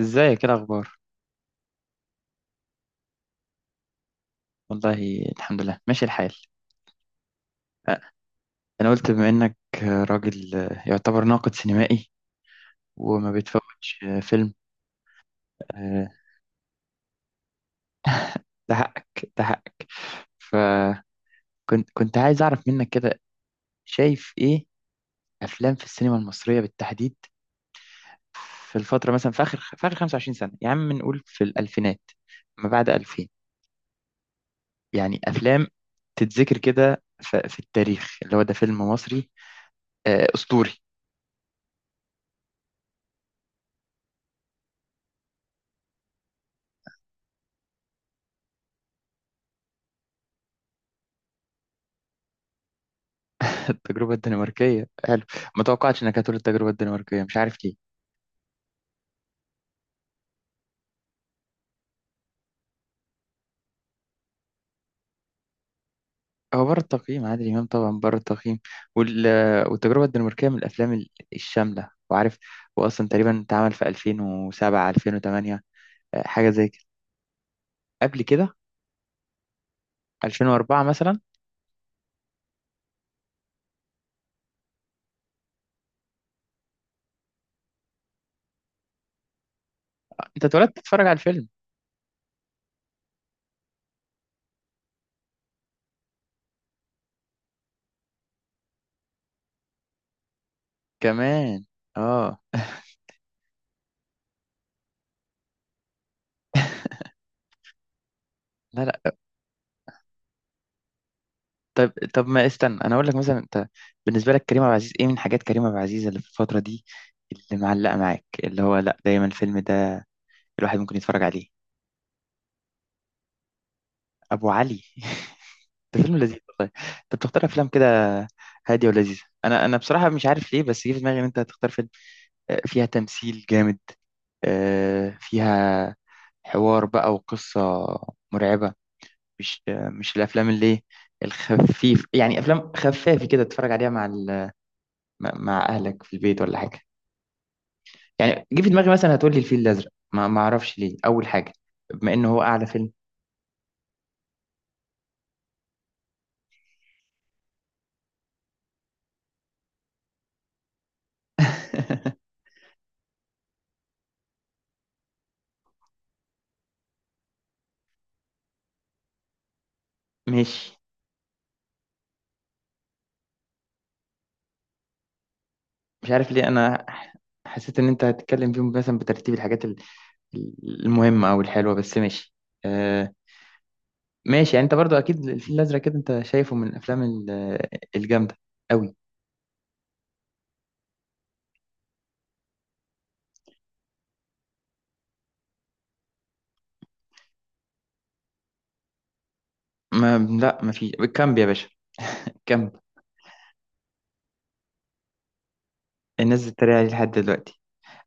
ازيك، ايه الاخبار؟ والله الحمد لله ماشي الحال. انا قلت بما انك راجل يعتبر ناقد سينمائي وما بتفوتش فيلم. آه، ده حقك، ده حقك. فكنت كنت عايز اعرف منك كده، شايف ايه افلام في السينما المصريه بالتحديد في الفتره، مثلا في اخر 25 سنه. يا عم نقول في الالفينات، ما بعد 2000، يعني افلام تتذكر كده في التاريخ اللي هو ده فيلم مصري اسطوري. التجربة الدنماركية حلو. ما توقعتش انك هتقول التجربة الدنماركية، مش عارف ليه. هو بره التقييم عادل امام، طبعا بره التقييم. وال... والتجربة الدنماركية من الافلام الشاملة. وعارف، هو اصلا تقريبا اتعمل في 2007 2008، حاجة زي كده. قبل كده؟ 2004 مثلا. انت اتولدت تتفرج على الفيلم كمان. اه لا لا. طب، ما استنى انا اقول لك. مثلا انت، بالنسبة لك كريم عبد العزيز، ايه من حاجات كريم عبد العزيز اللي في الفترة دي اللي معلقة معاك، اللي هو لا دايما الفيلم ده الواحد ممكن يتفرج عليه؟ ابو علي. ده فيلم لذيذ والله. انت بتختار افلام كده هاديه ولذيذه. انا بصراحه مش عارف ليه، بس جه في دماغي ان انت هتختار فيلم فيها تمثيل جامد، فيها حوار بقى وقصه مرعبه. مش، مش الافلام اللي إيه الخفيف، يعني افلام خفافه كده تتفرج عليها مع مع اهلك في البيت ولا حاجه. يعني جه في دماغي مثلا هتقول لي الفيل الازرق، ما اعرفش ليه، اول حاجه بما انه هو اعلى فيلم. ماشي. مش عارف ليه انا حسيت ان انت هتتكلم فيهم مثلا بترتيب الحاجات المهمه او الحلوه، بس ماشي. آه، ماشي يعني. انت برضو اكيد الفيل الازرق كده انت شايفه من الافلام الجامده قوي. ما لا، ما في كامب يا باشا. كامب. الناس بتتريق عليه لحد دلوقتي.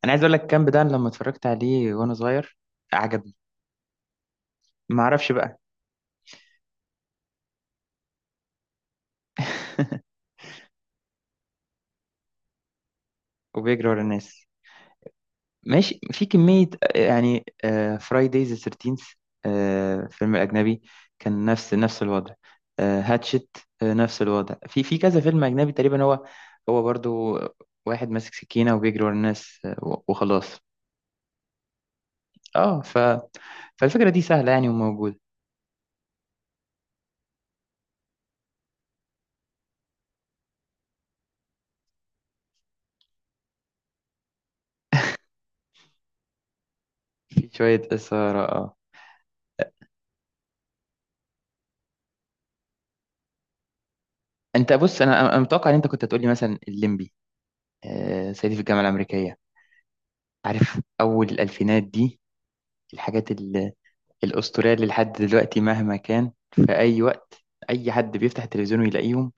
انا عايز اقول لك كامب ده أنا لما اتفرجت عليه وانا صغير عجبني. ما اعرفش بقى. وبيجري ورا الناس. ماشي، في كمية يعني. فرايدايز 13، فيلم أجنبي، كان نفس الوضع. هاتشت، نفس الوضع. في كذا فيلم أجنبي تقريبا هو، هو برضو واحد ماسك سكينة وبيجري ورا الناس، وخلاص. اه ف، فالفكرة دي سهلة يعني وموجودة. في شوية إثارة، اه. انت بص، انا انا أنا متوقع ان انت كنت هتقولي مثلا الليمبي، صعيدي في الجامعة الأمريكية، عارف، أول الألفينات دي، الحاجات الأسترالي. لحد دلوقتي مهما كان في أي وقت أي حد بيفتح التلفزيون ويلاقيهم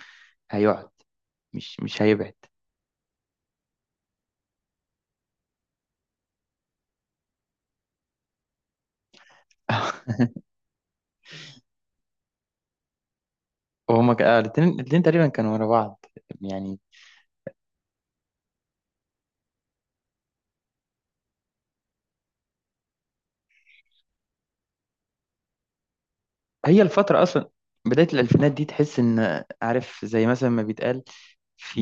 هيقعد، مش هيبعد. وهما الاتنين، تقريبا كانوا ورا بعض يعني. هي الفترة أصلا، بداية الألفينات دي، تحس إن عارف زي مثلا ما بيتقال في،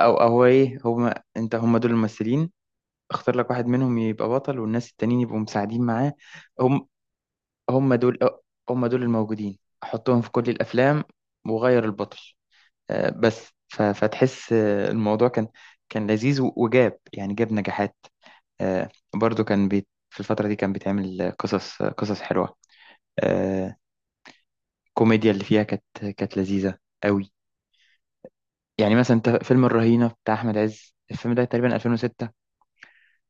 أو إيه، هما، أنت، هما دول الممثلين. اختار لك واحد منهم يبقى بطل والناس التانيين يبقوا مساعدين معاه. هم، هما دول هما دول الموجودين، حطهم في كل الأفلام وغير البطل. بس فتحس الموضوع كان، كان لذيذ وجاب يعني، جاب نجاحات. برضو كان بيت في الفترة دي كان بيتعمل قصص، قصص حلوة. آه، الكوميديا اللي فيها كانت، كانت لذيذة قوي. يعني مثلا انت فيلم الرهينة بتاع أحمد عز، الفيلم ده تقريبا 2006،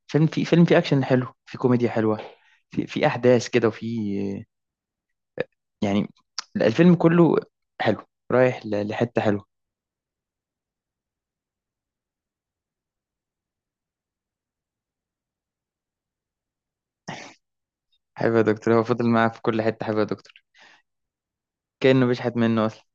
فيلم فيه أكشن حلو، فيه كوميديا حلوة، في أحداث كده، وفي يعني الفيلم كله حلو، رايح لحتة حلوة. حبيبي يا دكتور، هو فضل معاه في كل حتة حبيبي يا دكتور، كأنه بيشحت منه أصلا.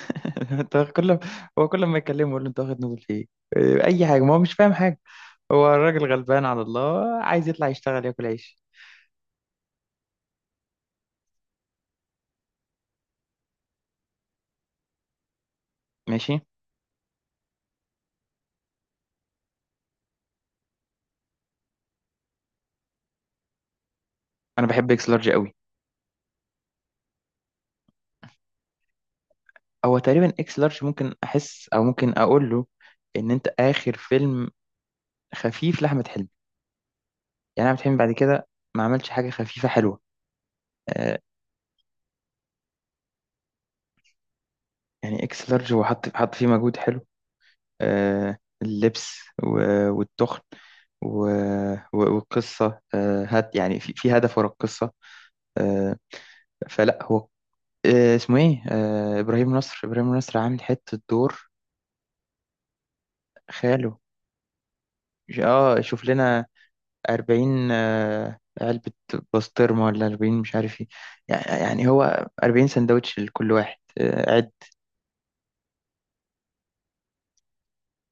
انت كل هو كل ما يكلمه يقول له انت واخد نوبل في ايه؟ إيه، اي حاجه، ما هو مش فاهم حاجه. هو الراجل غلبان على الله، عايز يطلع يشتغل ياكل عيش. ماشي. انا بحب اكس لارج قوي. هو تقريبا اكس لارج ممكن احس او ممكن اقول له ان انت اخر فيلم خفيف لاحمد حلمي. يعني احمد حلمي بعد كده ما عملش حاجه خفيفه حلوه. آه، يعني اكس لارج هو حط فيه مجهود حلو، آه، اللبس والتخن و- والقصة، هات يعني، في هدف ورا القصة. آه، فلا هو آه، اسمه ايه آه، إبراهيم نصر، إبراهيم نصر عامل حتة دور. خاله. شوف لنا 40 علبة بسطرمة، ولا 40 مش عارف ايه. يعني هو 40 سندوتش لكل واحد، عد.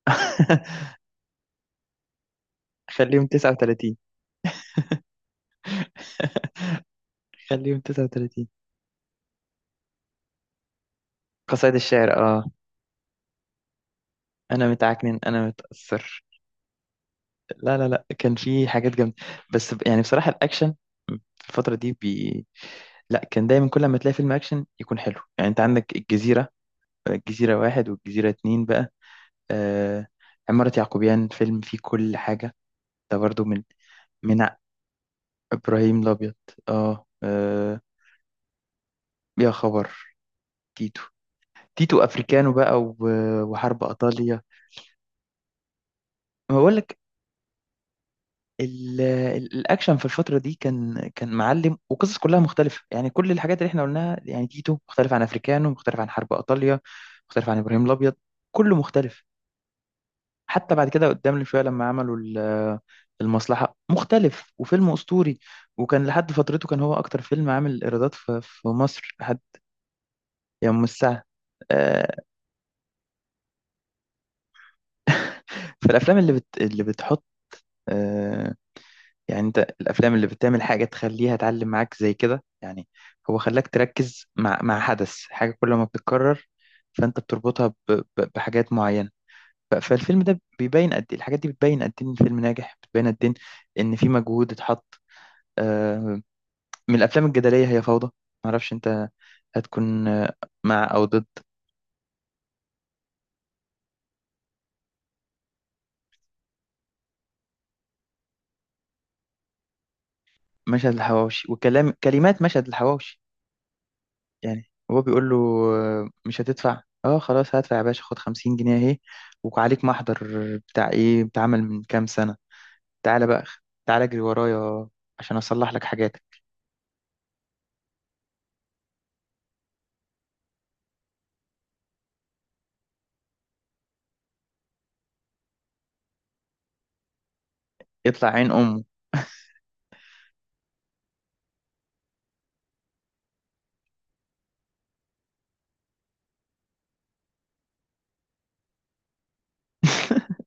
خليهم 39. خليهم 39. قصايد الشعر، اه. انا متعكنن، انا متأثر. لا لا لا، كان في حاجات جامده. بس يعني بصراحه الاكشن في الفتره دي لا، كان دايما كل ما تلاقي فيلم اكشن يكون حلو. يعني انت عندك الجزيره، واحد والجزيره اتنين بقى. آه، عماره يعقوبيان فيلم فيه كل حاجه. ده برضو من من ع- ابراهيم الابيض، اه. آه، يا خبر. تيتو. تيتو افريكانو بقى وحرب ايطاليا. ما بقول، الاكشن في الفتره دي كان، كان معلم، وقصص كلها مختلفه يعني. كل الحاجات اللي احنا قلناها يعني، تيتو مختلف عن افريكانو، مختلف عن حرب ايطاليا، مختلف عن ابراهيم الابيض، كله مختلف. حتى بعد كده قدام شويه لما عملوا المصلحه، مختلف وفيلم اسطوري، وكان لحد فترته كان هو اكتر فيلم عامل ايرادات في مصر لحد يوم الساعه. آه، فالافلام اللي بتحط، آه، يعني انت الافلام اللي بتعمل حاجه تخليها تعلم معاك زي كده يعني، هو خلاك تركز مع حدث، حاجه كل ما بتتكرر فانت بتربطها بحاجات معينه. فالفيلم ده بيبين قد ايه الحاجات دي، بتبين قد ايه ان الفيلم ناجح، بتبين قد ايه ان في مجهود اتحط. آه، من الافلام الجدليه هي فوضى. معرفش انت هتكون مع او ضد. مشهد الحواوشي وكلام، كلمات مشهد الحواوشي. يعني هو بيقول له مش هتدفع؟ اه خلاص هدفع يا باشا، خد 50 جنيه اهي وعليك محضر بتاع ايه بتعمل من كام سنة. تعالى بقى، تعالى اجري ورايا عشان اصلح لك حاجاتك. يطلع عين امه.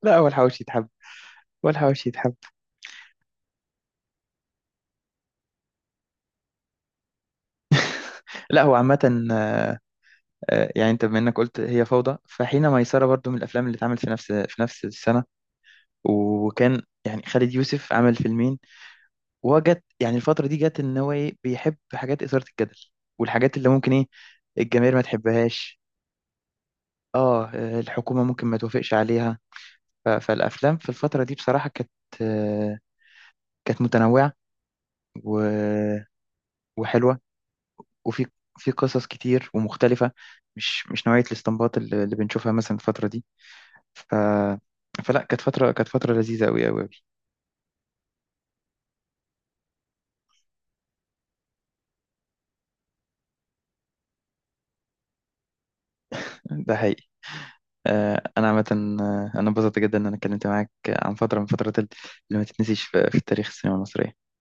لا، هو الحواوشي يتحب. هو الحواوشي يتحب. لا هو عامة، يعني انت بما انك قلت هي فوضى، فحين ميسرة برضو من الافلام اللي اتعملت في نفس السنة. وكان يعني خالد يوسف عمل فيلمين، وهو جت يعني الفترة دي جت ان هو ايه، بيحب حاجات إثارة الجدل، والحاجات اللي ممكن ايه الجماهير ما تحبهاش، اه، الحكومة ممكن ما توافقش عليها. فالأفلام في الفترة دي بصراحة كانت، آه، كانت متنوعة و- وحلوة، وفي في قصص كتير ومختلفة، مش نوعية الاستنباط اللي بنشوفها مثلا الفترة دي. ف، فلا كانت فترة، كانت فترة لذيذة أوي أوي أوي. ده حقيقي. أنا عامة أنا انبسطت جدا إن أنا اتكلمت معاك عن فترة من فترات اللي ما تتنسيش في تاريخ السينما المصرية.